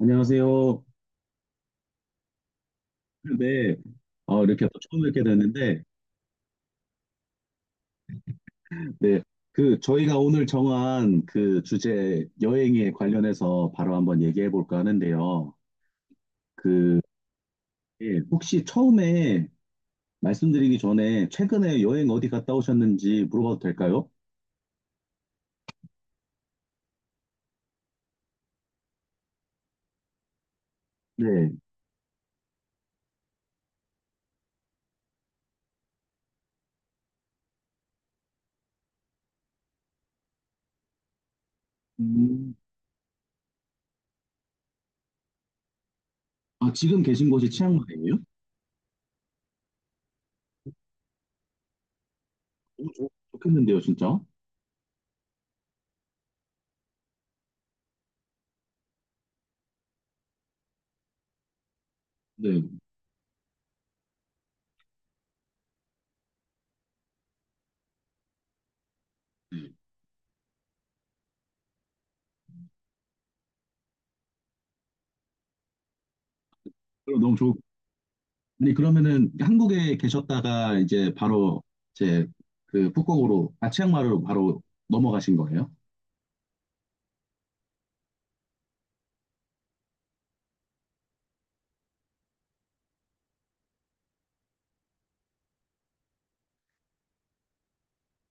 안녕하세요. 네, 이렇게 또 처음 뵙게 됐는데, 네, 그 저희가 오늘 정한 그 주제 여행에 관련해서 바로 한번 얘기해 볼까 하는데요. 그 예, 혹시 처음에 말씀드리기 전에 최근에 여행 어디 갔다 오셨는지 물어봐도 될까요? 네. 음, 아, 지금 계신 곳이 치앙마이예요? 너무 좋겠는데요, 진짜. 네, 그럼 너무 좋을 아니 그러면은 한국에 계셨다가 이제 바로 이제 그 북극으로 아 치앙마이로 바로 넘어가신 거예요?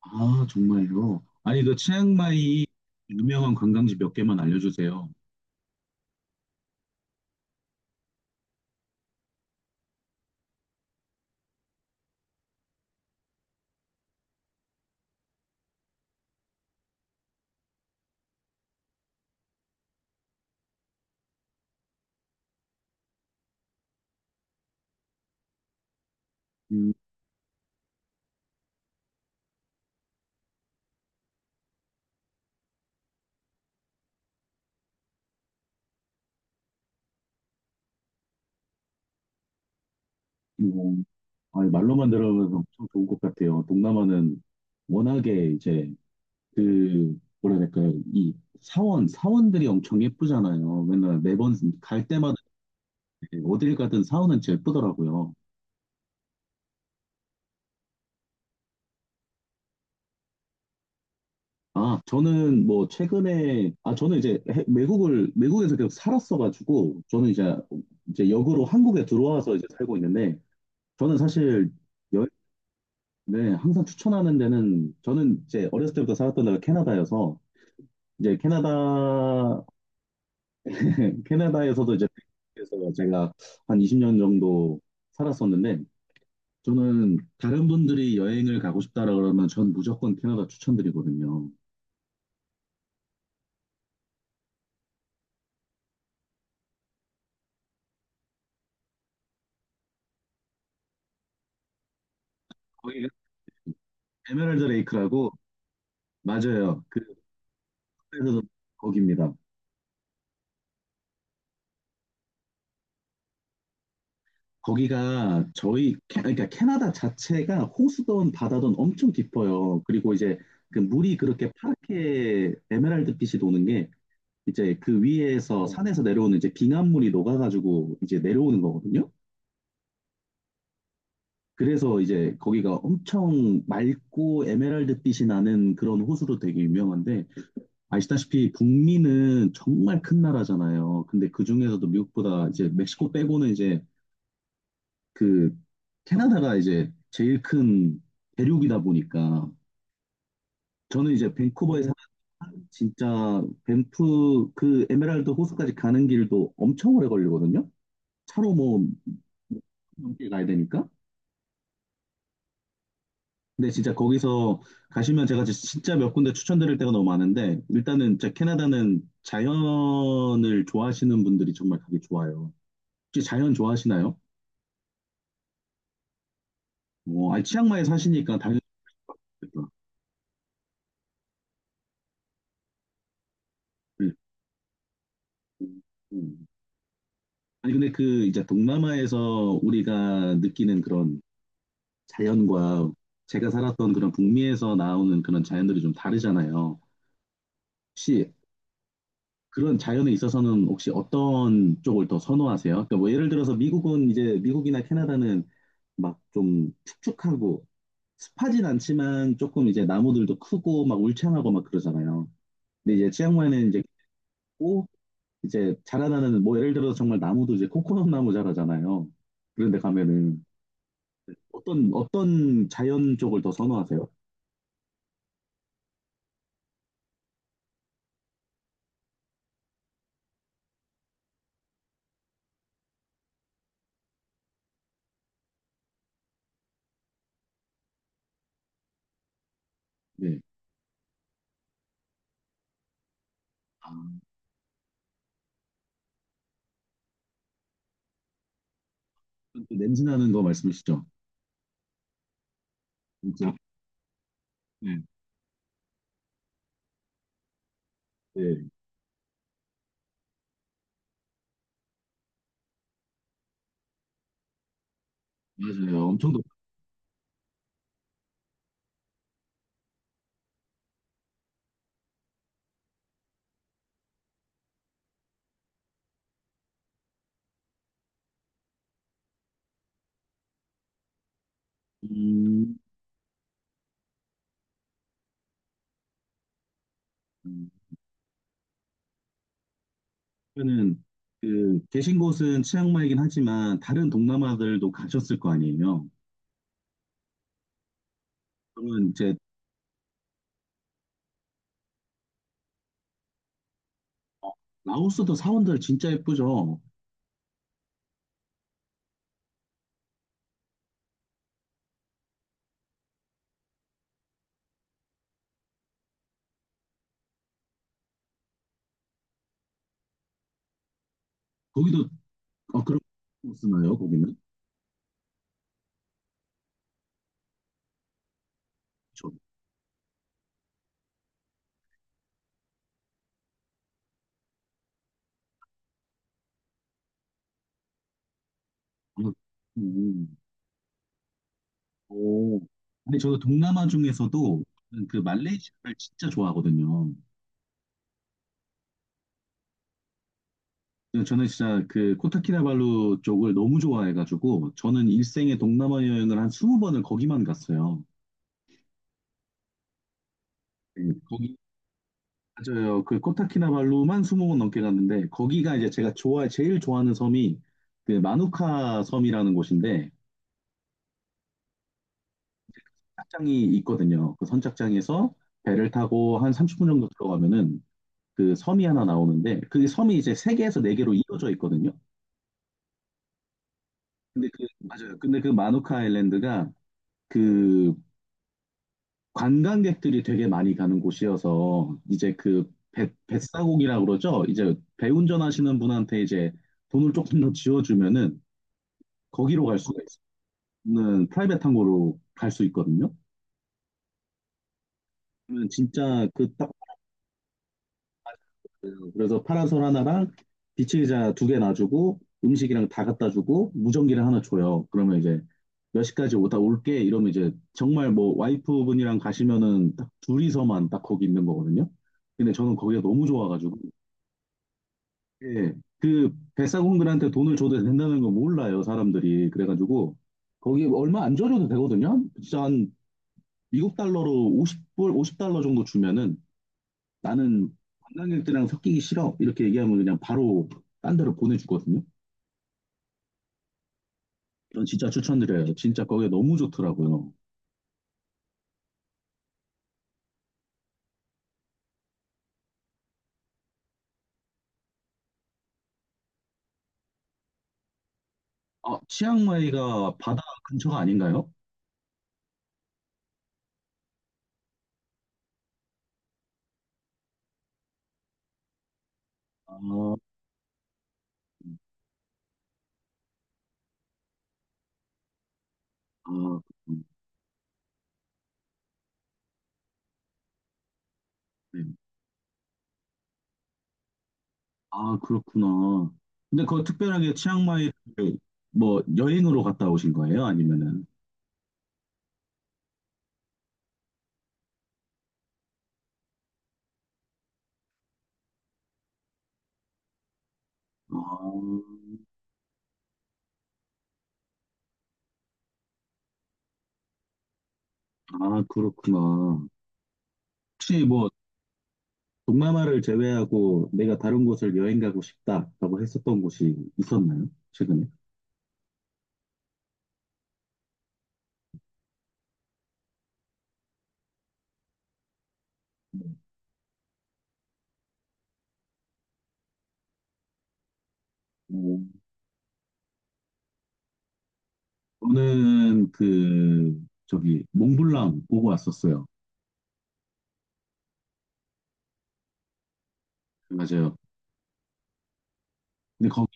아 정말요? 아니 그 치앙마이 유명한 관광지 몇 개만 알려주세요. 음, 뭐, 아니, 말로만 들으면 엄청 좋은 것 같아요. 동남아는 워낙에 이제 그 뭐라 해야 될까요? 이 사원들이 엄청 예쁘잖아요. 맨날 매번 갈 때마다 어딜 가든 사원은 제일 예쁘더라고요. 아, 저는 뭐 최근에 아 저는 이제 외국을 외국에서 계속 살았어가지고 저는 이제 이제 역으로 한국에 들어와서 이제 살고 있는데 저는 사실 여행 네, 항상 추천하는 데는 저는 이제 어렸을 때부터 살았던 데가 캐나다여서 이제 캐나다 캐나다에서도 이제 그래서 제가 한 20년 정도 살았었는데 저는 다른 분들이 여행을 가고 싶다라 그러면 전 무조건 캐나다 추천드리거든요. 거기 에메랄드 레이크라고 맞아요. 그 그래서 거기입니다. 거기가 저희 그러니까 캐나다 자체가 호수든 바다든 엄청 깊어요. 그리고 이제 그 물이 그렇게 파랗게 에메랄드 빛이 도는 게 이제 그 위에서 네. 산에서 내려오는 이제 빙하물이 녹아가지고 이제 내려오는 거거든요. 그래서 이제 거기가 엄청 맑고 에메랄드 빛이 나는 그런 호수로 되게 유명한데 아시다시피 북미는 정말 큰 나라잖아요. 근데 그 중에서도 미국보다 이제 멕시코 빼고는 이제 그 캐나다가 이제 제일 큰 대륙이다 보니까 저는 이제 밴쿠버에 사는 진짜 밴프 그 에메랄드 호수까지 가는 길도 엄청 오래 걸리거든요. 차로 뭐 넘게 가야 되니까. 근데 진짜 거기서 가시면 제가 진짜 몇 군데 추천드릴 데가 너무 많은데 일단은 진짜 캐나다는 자연을 좋아하시는 분들이 정말 가기 좋아요. 혹시 자연 좋아하시나요? 어, 아 치앙마이 사시니까 당연히 좋겠다. 네. 음, 음. 아니 근데 그 이제 동남아에서 우리가 느끼는 그런 자연과 제가 살았던 그런 북미에서 나오는 그런 자연들이 좀 다르잖아요. 혹시 그런 자연에 있어서는 혹시 어떤 쪽을 더 선호하세요? 그러니까 뭐 예를 들어서 미국은 이제 미국이나 캐나다는 막 좀 축축하고 습하진 않지만 조금 이제 나무들도 크고 막 울창하고 막 그러잖아요. 근데 이제 치앙마이는 이제 고 이제 자라나는 뭐 예를 들어서 정말 나무도 이제 코코넛 나무 자라잖아요. 그런데 가면은 어떤 자연 쪽을 더 선호하세요? 네. 아, 또 냄새 나는 거 말씀이시죠? 진짜. 네. 네. 맞아요. 엄청 덥. 음. 음. 그러면은 그 계신 곳은 치앙마이긴 하지만 다른 동남아들도 가셨을 거 아니에요? 그러면 이제 어, 라오스도 사원들 진짜 예쁘죠? 거기도 아 그런 거 쓰나요? 거기는? 저. 음. 음. 오. 근데 저도 동남아 중에서도 그 말레이시아를 진짜 좋아하거든요. 네, 저는 진짜 그 코타키나발루 쪽을 너무 좋아해가지고 저는 일생에 동남아 여행을 한 20번을 거기만 갔어요. 네, 거기 맞아요. 그 코타키나발루만 20번 넘게 갔는데 거기가 이제 제가 좋아 제일 좋아하는 섬이 그 마누카 섬이라는 곳인데 선착장이 있거든요. 그 선착장에서 배를 타고 한 30분 정도 들어가면은 그 섬이 하나 나오는데 그 섬이 이제 세 개에서 네 개로 이어져 있거든요. 근데 그 맞아요. 근데 그 마누카 아일랜드가 그 관광객들이 되게 많이 가는 곳이어서 이제 그 배, 뱃사공이라고 그러죠. 이제 배 운전하시는 분한테 이제 돈을 조금 더 지어주면은 거기로 갈 수가 있는 프라이빗 항공으로 갈 수 있거든요. 그러면 진짜 그 딱 그래서 파라솔 하나랑 비치 의자 두 개 놔주고 음식이랑 다 갖다 주고 무전기를 하나 줘요. 그러면 이제 몇 시까지 오다 올게 이러면 이제 정말 뭐 와이프분이랑 가시면은 딱 둘이서만 딱 거기 있는 거거든요. 근데 저는 거기가 너무 좋아가지고 예, 그 백사공들한테 돈을 줘도 된다는 거 몰라요, 사람들이. 그래가지고 거기 얼마 안 줘도 되거든요. 진짜 한 미국 달러로 50불, 50달러 정도 주면은 나는 관광객들이랑 섞이기 싫어. 이렇게 얘기하면 그냥 바로 딴 데로 보내주거든요. 이건 진짜 추천드려요. 진짜 거기 너무 좋더라고요. 아, 치앙마이가 바다 근처가 아닌가요? 아, 아, 음, 네. 아, 그렇구나. 근데 그거 특별하게 치앙마이 뭐 여행으로 갔다 오신 거예요? 아니면은? 아, 아, 그렇구나. 혹시 뭐 동남아를 제외하고 내가 다른 곳을 여행 가고 싶다라고 했었던 곳이 있었나요? 최근에? 음, 저는 그 저기 몽블랑 보고 왔었어요. 맞아요. 근데 거,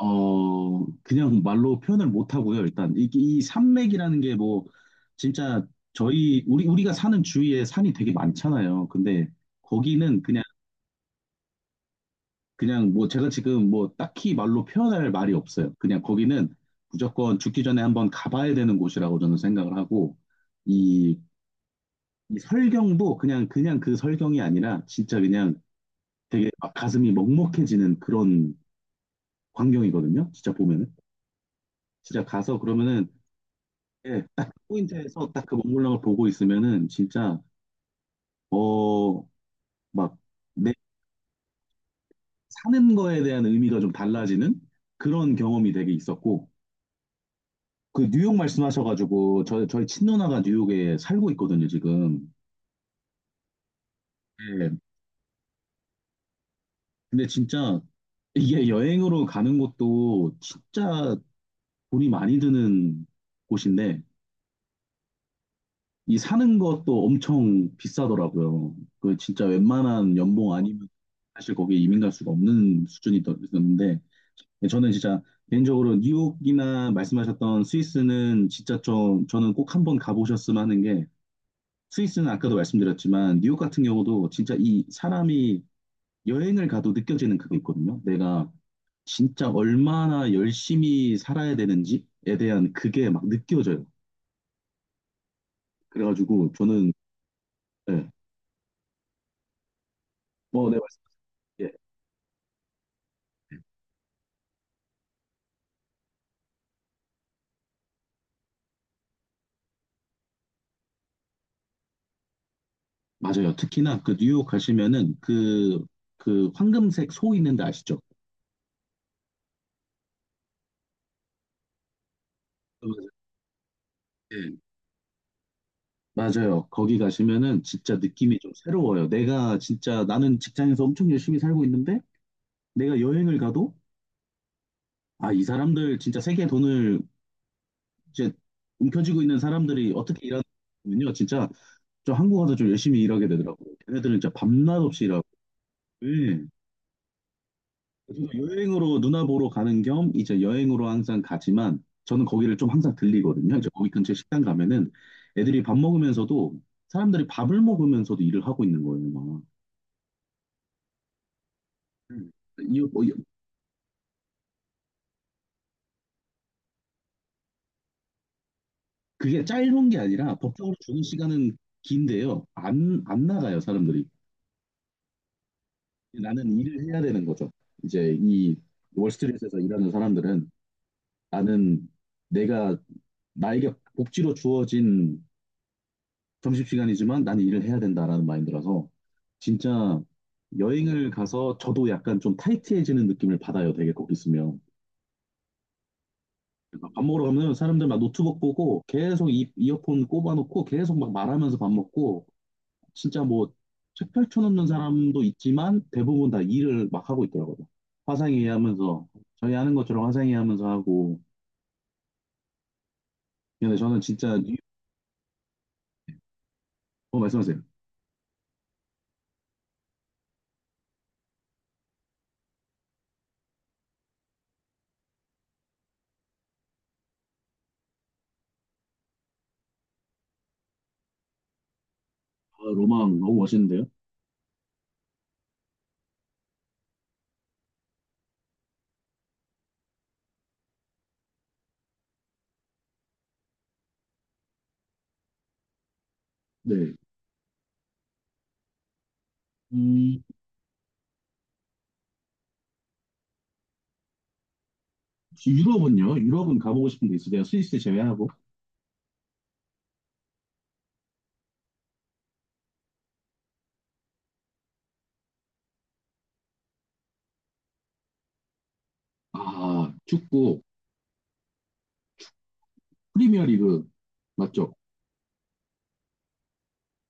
어, 그냥 말로 표현을 못 하고요. 일단 이 산맥이라는 게 뭐 진짜 저희 우리가 사는 주위에 산이 되게 많잖아요. 근데 거기는 그냥 그냥 뭐 제가 지금 뭐 딱히 말로 표현할 말이 없어요. 그냥 거기는 무조건 죽기 전에 한번 가봐야 되는 곳이라고 저는 생각을 하고 이, 이 설경도 그냥 그냥 그 설경이 아니라 진짜 그냥 되게 막 가슴이 먹먹해지는 그런 광경이거든요. 진짜 보면은 진짜 가서 그러면은 예, 딱 그 포인트에서 딱 그 먹물랑을 보고 있으면은 진짜 어 막 내 사는 거에 대한 의미가 좀 달라지는 그런 경험이 되게 있었고 그 뉴욕 말씀하셔가지고 저 저희 친누나가 뉴욕에 살고 있거든요 지금. 예, 근데 진짜 이게 여행으로 가는 것도 진짜 돈이 많이 드는 곳인데 이 사는 것도 엄청 비싸더라고요. 그 진짜 웬만한 연봉 아니면 사실 거기에 이민 갈 수가 없는 수준이었는데 네, 저는 진짜 개인적으로 뉴욕이나 말씀하셨던 스위스는 진짜 좀 저는 꼭 한번 가보셨으면 하는 게 스위스는 아까도 말씀드렸지만 뉴욕 같은 경우도 진짜 이 사람이 여행을 가도 느껴지는 그게 있거든요. 내가 진짜 얼마나 열심히 살아야 되는지에 대한 그게 막 느껴져요. 그래가지고 저는 네. 뭐, 네, 말씀- 예. 맞아요. 특히나 그 뉴욕 가시면은 그, 그 황금색 소 있는데 아시죠? 네. 맞아요. 거기 가시면은 진짜 느낌이 좀 새로워요. 내가 진짜 나는 직장에서 엄청 열심히 살고 있는데 내가 여행을 가도 아, 이 사람들 진짜 세계 돈을 이제 움켜쥐고 있는 사람들이 어떻게 일하는군요. 진짜 저 한국 와서 좀 열심히 일하게 되더라고요. 걔네들은 진짜 밤낮 없이 일하고. 네. 저도 여행으로 누나 보러 가는 겸 이제 여행으로 항상 가지만 저는 거기를 좀 항상 들리거든요. 이제 거기 근처 식당 가면은 애들이 밥 먹으면서도 사람들이 밥을 먹으면서도 일을 하고 있는 거예요. 막. 음. 이, 어, 이- 그게 짧은 게 아니라 법적으로 주는 시간은 긴데요. 안 나가요, 사람들이. 나는 일을 해야 되는 거죠. 이제 이 월스트리트에서 일하는 사람들은 나는 내가 나에게 복지로 주어진 점심시간이지만 나는 일을 해야 된다라는 마인드라서 진짜 여행을 가서 저도 약간 좀 타이트해지는 느낌을 받아요. 되게 거기 있으면. 밥 먹으러 가면 사람들 막 노트북 보고 계속 이어폰 꼽아놓고 계속 막 말하면서 밥 먹고 진짜 뭐 책 펼쳐놓는 사람도 있지만 대부분 다 일을 막 하고 있더라고요. 화상회의 하면서 저희 하는 것처럼 화상회의 하면서 하고 근데 저는 진짜 뭐어 말씀하세요. 아, 로망 너무 멋있는데요? 네. 음, 유럽은요? 유럽은 가보고 싶은 데 있으세요? 스위스 제외하고? 아, 축구, 프리미어 리그, 맞죠?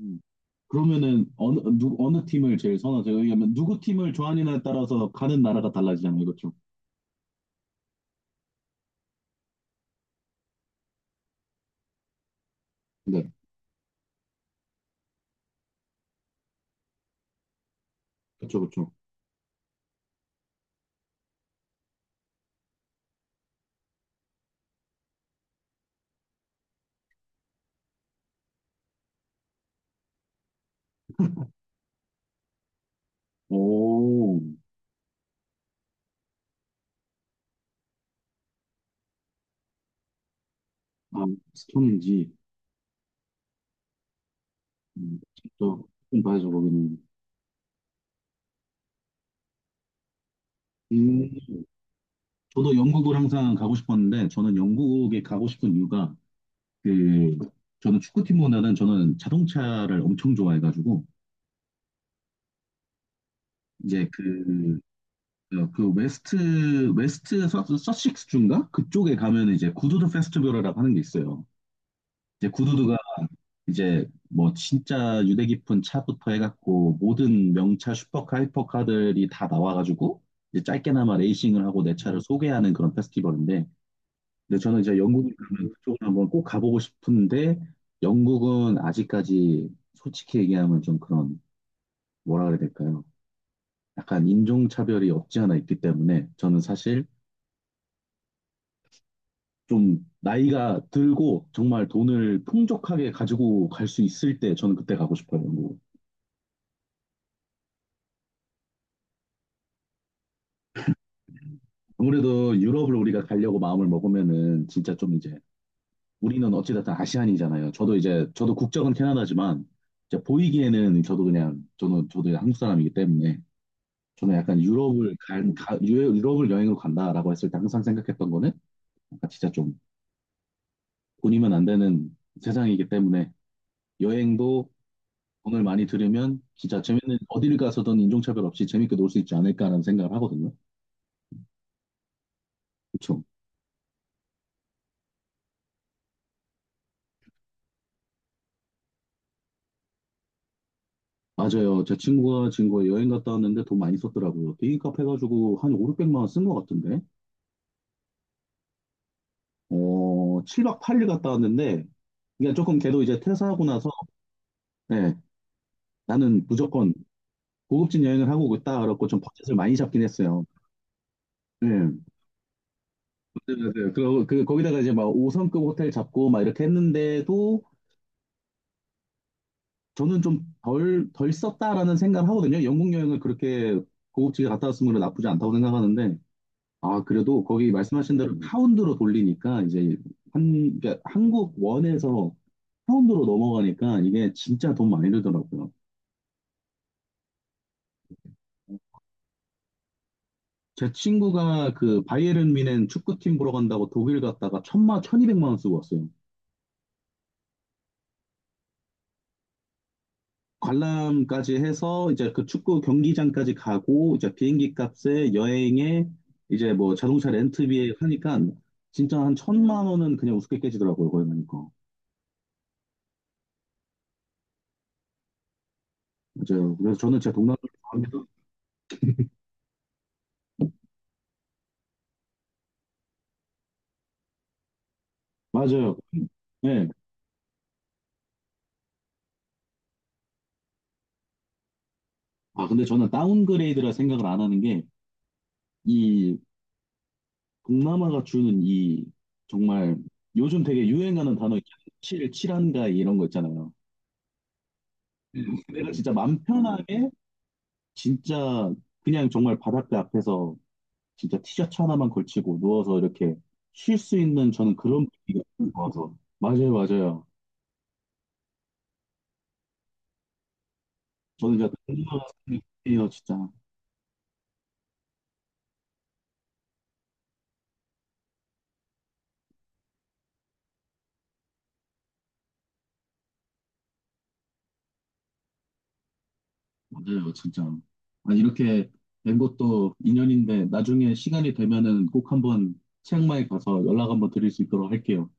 음. 그러면은 어느 팀을 제일 선호하세요? 왜냐면 누구 팀을 좋아하느냐에 따라서 가는 나라가 달라지잖아요. 그렇죠? 네. 그렇죠, 그렇죠. 오, 아, 스톤인지, 음, 또, 좀 봐야죠, 거기는. 음, 저도 영국을 항상 가고 싶었는데, 저는 영국에 가고 싶은 이유가, 그, 저는 축구팀보다는 저는 자동차를 엄청 좋아해가지고, 이제 그, 어, 그 웨스트 서식스 주인가? 그쪽에 가면 이제 구두드 페스티벌이라고 하는 게 있어요. 이제 구두드가 이제 뭐 진짜 유대 깊은 차부터 해갖고 모든 명차 슈퍼카 하이퍼카들이 다 나와가지고 이제 짧게나마 레이싱을 하고 내 차를 소개하는 그런 페스티벌인데 근데 저는 이제 영국에 가면 그쪽을 한번 꼭 가보고 싶은데 영국은 아직까지 솔직히 얘기하면 좀 그런 뭐라 그래야 될까요? 약간 인종차별이 없지 않아 있기 때문에 저는 사실 좀 나이가 들고 정말 돈을 풍족하게 가지고 갈 수 있을 때 저는 그때 가고 싶어요. 영국. 아무래도 유럽을 우리가 가려고 마음을 먹으면은 진짜 좀 이제 우리는 어찌됐든 아시안이잖아요. 저도 이제 저도 국적은 캐나다지만 이제 보이기에는 저도 그냥 저는 저도 이제 한국 사람이기 때문에 저는 약간 유럽을 간- 가, 유- 유럽을 여행으로 간다라고 했을 때 항상 생각했던 거는 약간 진짜 좀 돈이면 안 되는 세상이기 때문에 여행도 돈을 많이 들으면 진짜 재밌는 어딜 가서든 인종차별 없이 재밌게 놀 수 있지 않을까라는 생각을 하거든요. 그쵸? 맞아요. 제 친구가 지금 거의 여행 갔다 왔는데 돈 많이 썼더라고요. 비행값 해가지고 한 5, 600만 원 쓴 것 같은데. 어, 7박 8일 갔다 왔는데 그러니까 조금 걔도 이제 퇴사하고 나서 네, 나는 무조건 고급진 여행을 하고 있다 그렇고 좀 버젯을 많이 잡긴 했어요. 네, 맞아요, 맞아요. 그리고 그 거기다가 이제 막 5성급 호텔 잡고 막 이렇게 했는데도 저는 좀 덜 썼다라는 생각을 하거든요. 영국 여행을 그렇게 고급지게 갔다 왔으면 나쁘지 않다고 생각하는데, 아, 그래도 거기 말씀하신 대로 파운드로 돌리니까, 이제 한, 그러니까 한국 원에서 파운드로 넘어가니까 이게 진짜 돈 많이 들더라고요. 제 친구가 그 바이에른 뮌헨 축구팀 보러 간다고 독일 갔다가 천이백만 원 쓰고 왔어요. 관람까지 해서 이제 그 축구 경기장까지 가고 이제 비행기 값에 여행에 이제 뭐 자동차 렌트비에 하니까 진짜 한 천만 원은 그냥 우습게 깨지더라고요 거기 가니까 맞아요 그래서 저는 제 동남아 좋아합니다 맞아요 네. 아 근데 저는 다운그레이드라 생각을 안 하는 게 이 동남아가 주는 이 정말 요즘 되게 유행하는 단어 있잖아요 칠 칠한가이 이런 거 있잖아요 내가 진짜 맘 편하게 진짜 그냥 정말 바닷가 앞에서 진짜 티셔츠 하나만 걸치고 누워서 이렇게 쉴 수 있는 저는 그런 분위기가 너무 좋아서. 맞아요, 맞아요. 저는 진짜 동료예요, 진짜. 맞아요, 진짜. 아, 이렇게 된 것도 인연인데 나중에 시간이 되면은 꼭 한번 치앙마이 가서 연락 한번 드릴 수 있도록 할게요.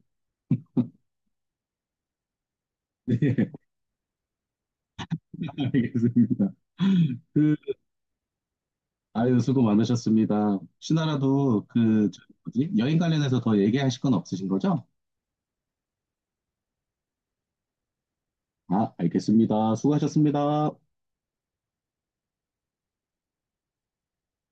네, 알겠습니다. 그, 아유, 수고 많으셨습니다. 신하라도 그, 저 뭐지? 여행 관련해서 더 얘기하실 건 없으신 거죠? 아, 알겠습니다. 수고하셨습니다.